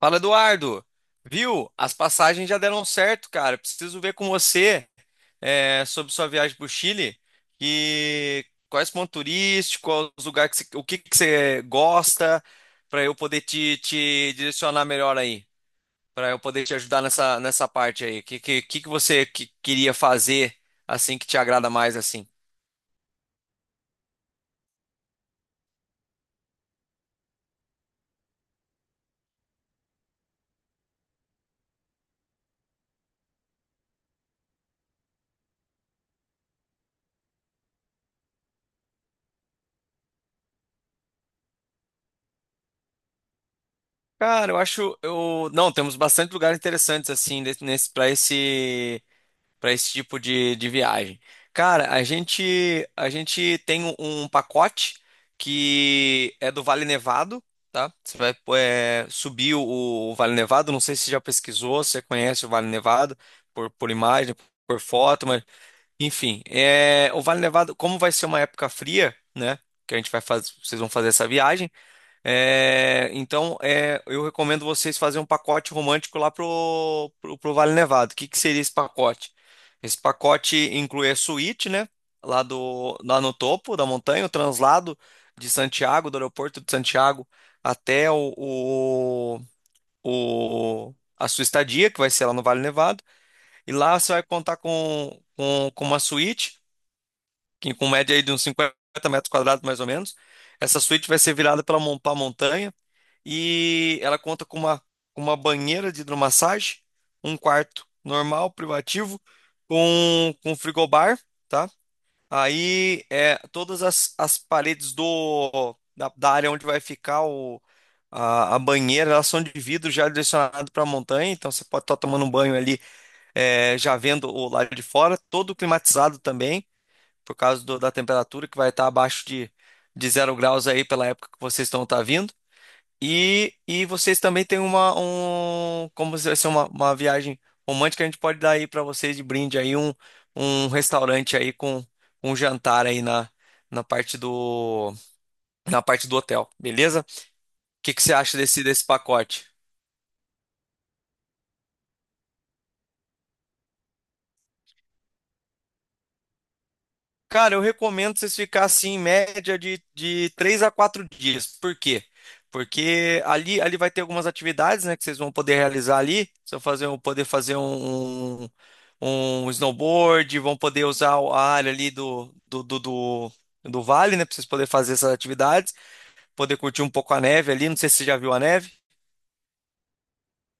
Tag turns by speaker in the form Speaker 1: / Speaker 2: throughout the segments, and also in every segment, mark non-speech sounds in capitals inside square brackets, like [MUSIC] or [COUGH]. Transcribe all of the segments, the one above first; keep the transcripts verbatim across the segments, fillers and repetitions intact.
Speaker 1: Fala, Eduardo. Viu? As passagens já deram certo, cara. Preciso ver com você é, sobre sua viagem para o Chile. E quais pontos turísticos, quais os lugares que você- o que que você gosta, para eu poder te, te direcionar melhor aí, para eu poder te ajudar nessa, nessa parte aí. O que, que, que que você que- queria fazer assim que te agrada mais assim? Cara, eu acho eu não temos bastante lugares interessantes assim para esse para esse tipo de, de viagem. Cara, a gente a gente tem um, um pacote que é do Vale Nevado, tá? Você vai é, subir o, o Vale Nevado. Não sei se você já pesquisou, se você conhece o Vale Nevado por, por imagem, por foto, mas enfim, é, o Vale Nevado, como vai ser uma época fria, né? Que a gente vai fazer, vocês vão fazer essa viagem. É, então, é, eu recomendo vocês fazerem um pacote romântico lá pro, pro, pro Vale Nevado. O que que seria esse pacote? Esse pacote inclui a suíte, né? Lá, do, lá no topo da montanha, o translado de Santiago, do aeroporto de Santiago até o, o, o- a sua estadia, que vai ser lá no Vale Nevado. E lá você vai contar com, com, com uma suíte, que com média aí de uns cinquenta metros quadrados mais ou menos. Essa suíte vai ser virada pela, para a montanha. E ela conta com uma, com uma banheira de hidromassagem, um quarto normal, privativo, com, com frigobar, tá? Aí é, todas as, as paredes do, da, da área onde vai ficar o, a, a banheira, elas são de vidro já direcionado para a montanha, então você pode estar tomando um banho ali, é, já vendo o lado de fora, todo climatizado também, por causa do- da temperatura que vai estar abaixo de, de zero graus aí pela época que vocês estão tá vindo. E, e vocês também têm uma, um, como se fosse uma, uma viagem romântica, a gente pode dar aí para vocês de brinde aí um, um restaurante aí com um jantar aí na, na parte do, na parte do hotel, beleza? O que que você acha desse, desse pacote? Cara, eu recomendo vocês ficar assim em média de, de três a quatro dias. Por quê? Porque ali, ali vai ter algumas atividades, né, que vocês vão poder realizar ali. Vocês vão fazer, um- poder fazer um, um um snowboard, vão poder usar a área ali do, do, do, do, do vale, né, para vocês poderem fazer essas atividades, poder curtir um pouco a neve ali. Não sei se você já viu a neve.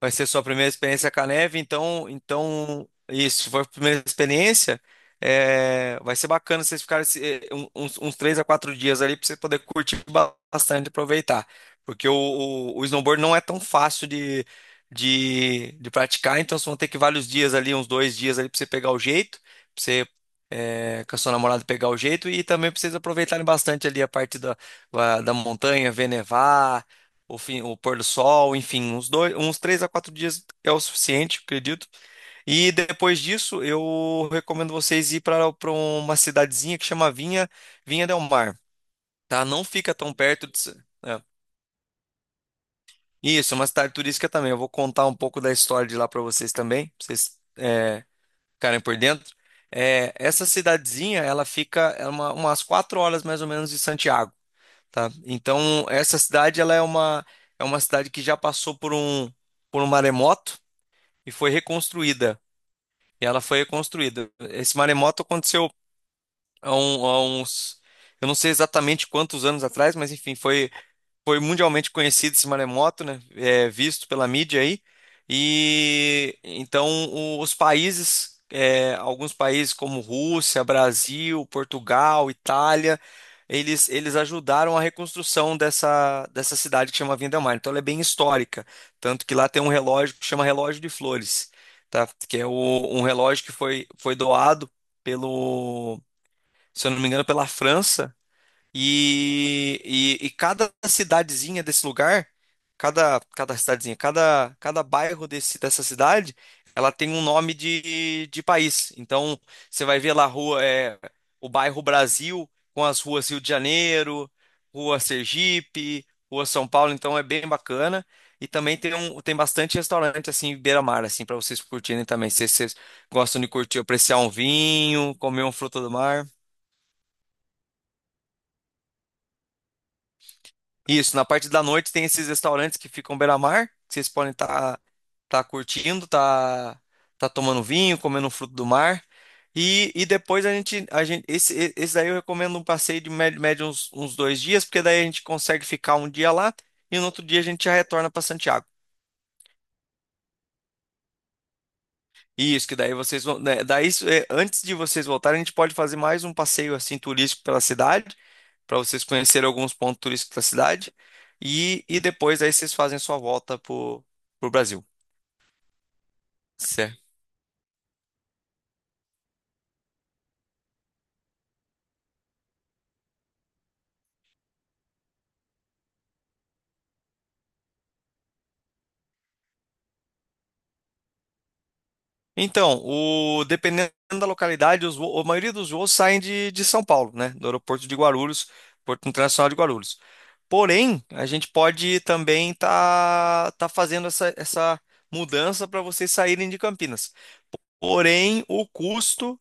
Speaker 1: Vai ser sua primeira experiência com a neve, então, então isso, se for a primeira experiência, é, vai ser bacana vocês ficarem esse- eh, um- uns, uns três a quatro dias ali para você poder curtir ba- bastante, aproveitar. Porque o, o, o snowboard não é tão fácil de, de, de praticar, então vocês vão ter que vários dias ali, uns dois dias ali para você pegar o jeito, para você eh, com a sua namorada pegar o jeito e também para vocês aproveitarem bastante ali a parte da, da da montanha, ver nevar o, fim, o pôr do sol, enfim, uns dois, uns três a quatro dias é o suficiente, acredito. E depois disso, eu recomendo vocês ir para uma cidadezinha que chama Vinha, Vinha del Mar, tá? Não fica tão perto de. É. Isso, é uma cidade turística também. Eu vou contar um pouco da história de lá para vocês também, pra vocês é, ficarem por dentro. É, essa cidadezinha, ela fica é uma, umas quatro horas mais ou menos de Santiago. Tá? Então, essa cidade ela é uma é uma cidade que já passou por um por um maremoto e foi reconstruída. E ela foi reconstruída. Esse maremoto aconteceu há, um- há uns eu não sei exatamente quantos anos atrás, mas enfim, foi foi mundialmente conhecido esse maremoto, né? É, visto pela mídia aí. E então o- os países, é, alguns países como Rússia, Brasil, Portugal, Itália, eles, eles ajudaram a reconstrução dessa, dessa cidade que chama Vindelmar. Então ela é bem histórica, tanto que lá tem um relógio que chama Relógio de Flores, tá? Que é o- um relógio que foi, foi doado pelo, se eu não me engano, pela França e, e, e cada cidadezinha desse lugar, cada, cada cidadezinha, cada, cada bairro desse, dessa cidade, ela tem um nome de, de país. Então, você vai ver lá a rua, é, o bairro Brasil, com as ruas Rio de Janeiro, Rua Sergipe, Rua São Paulo, então é bem bacana. E também tem, um, tem bastante restaurante assim, beira-mar, assim, para vocês curtirem também. Se vocês gostam de curtir, apreciar um vinho, comer um fruto do mar. Isso, na parte da noite tem esses restaurantes que ficam beira-mar, que vocês podem estar curtindo, tá, tá tomando vinho, comendo um fruto do mar. E, e depois a gente, a gente esse, e- esse daí eu recomendo um passeio de médio, médio uns, uns dois dias, porque daí a gente consegue ficar um dia lá e no outro dia a gente já retorna para Santiago. Isso, que daí vocês vão. Né, daí, isso é, antes de vocês voltarem, a gente pode fazer mais um passeio assim turístico pela cidade, para vocês conhecerem alguns pontos turísticos da cidade. E, e depois aí vocês fazem a sua volta pro, pro Brasil. Certo. Então, o, dependendo da localidade, os, vo- a maioria dos voos saem de, de São Paulo, né? Do aeroporto de Guarulhos, Porto Internacional de Guarulhos. Porém, a gente pode também tá, tá fazendo essa, essa mudança para vocês saírem de Campinas. Porém, o custo.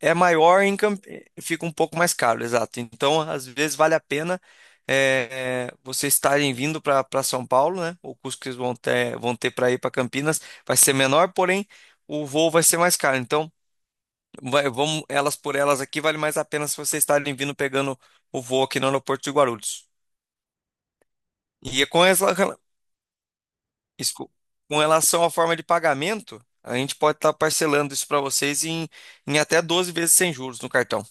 Speaker 1: É maior em Camp- fica um pouco mais caro, exato. Então, às vezes vale a pena eh, eh, vocês estarem vindo para São Paulo, né? O custo que eles vão ter, vão ter para ir para Campinas vai ser menor, porém o voo vai ser mais caro. Então, vai- vamos elas por elas aqui, vale mais a pena se vocês estarem vindo pegando o voo aqui no aeroporto de Guarulhos. E é com essa- Isso, co- com relação à forma de pagamento, a gente pode estar parcelando isso para vocês em, em até doze vezes sem juros no cartão.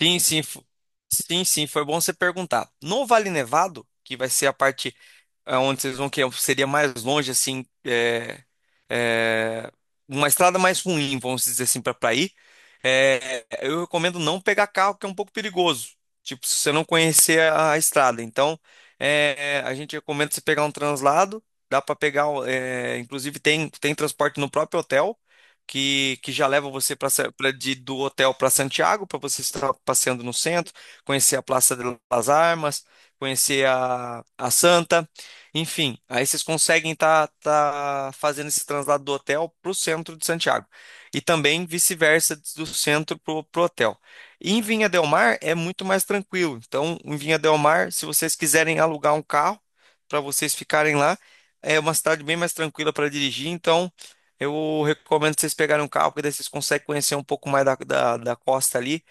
Speaker 1: Sim, sim, fo- sim, sim, foi bom você perguntar. No Vale Nevado, que vai ser a parte onde vocês vão que é, seria mais longe, assim, é, é, uma estrada mais ruim, vamos dizer assim, para ir. É, eu recomendo não pegar carro, que é um pouco perigoso. Tipo, se você não conhecer a, a estrada. Então, é, a gente recomenda você pegar um translado. Dá para pegar, o- é, inclusive tem, tem transporte no próprio hotel, que, que já leva você pra, Sa- pra, de, do hotel para Santiago, para você estar passeando no centro, conhecer a Praça de las Armas, conhecer a, a Santa. Enfim, aí vocês conseguem estar fazendo esse translado do hotel para o centro de Santiago. E também vice-versa do centro para o hotel. E em Vinha del Mar é muito mais tranquilo. Então, em Vinha del Mar, se vocês quiserem alugar um carro para vocês ficarem lá, é uma cidade bem mais tranquila para dirigir. Então, eu recomendo vocês pegarem um carro, porque daí vocês conseguem conhecer um pouco mais da, da, da costa ali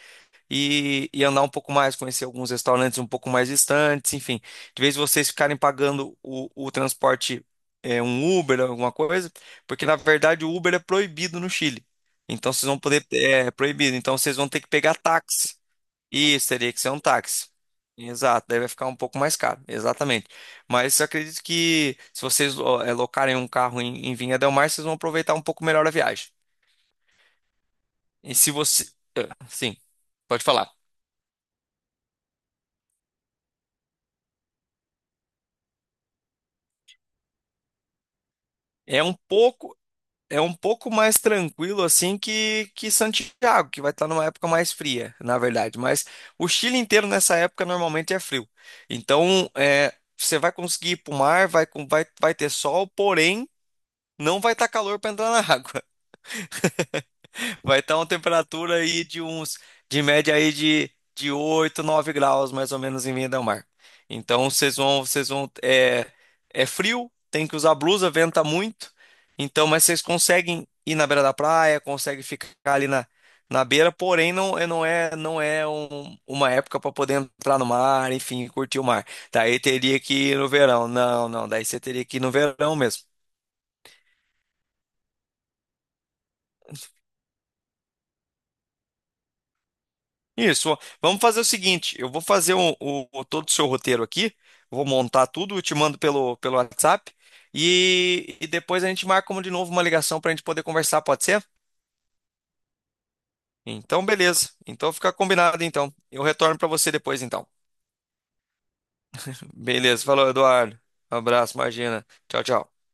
Speaker 1: e, e andar um pouco mais, conhecer alguns restaurantes um pouco mais distantes, enfim. De vez vocês ficarem pagando o, o transporte, é, um Uber, alguma coisa, porque na verdade o Uber é proibido no Chile. Então vocês vão poder, é proibido, então vocês vão ter que pegar táxi. Isso, teria que ser um táxi. Exato, daí vai ficar um pouco mais caro, exatamente. Mas eu acredito que se vocês ó, é, locarem um carro em, em Vinha del Mar, vocês vão aproveitar um pouco melhor a viagem. E se você. Ah, sim, pode falar. É um pouco. É um pouco mais tranquilo assim que, que Santiago, que vai estar numa época mais fria, na verdade. Mas o Chile inteiro nessa época normalmente é frio. Então, é, você vai conseguir ir para o mar, vai, com- vai, vai ter sol, porém não vai estar calor para entrar na [LAUGHS] água. Vai estar uma temperatura aí de uns, de média aí de, de oito nove graus, mais ou menos, em Vinha del Mar. Então, vocês vão, vocês vão, é, é frio, tem que usar blusa, venta muito. Então, mas vocês conseguem ir na beira da praia, conseguem ficar ali na, na beira, porém, não, é- não é, não é um- uma época para poder entrar no mar, enfim, curtir o mar. Daí teria que ir no verão. Não, não, daí você teria que ir no verão mesmo. Isso. Ó. Vamos fazer o seguinte: eu vou fazer o, o- o- todo o seu roteiro aqui, vou montar tudo, eu te mando pelo, pelo WhatsApp e, e depois a gente marca de novo uma ligação para a gente poder conversar, pode ser? Então, beleza. Então fica combinado, então. Eu retorno para você depois, então. Beleza. Falou, Eduardo. Abraço, imagina. Tchau, tchau.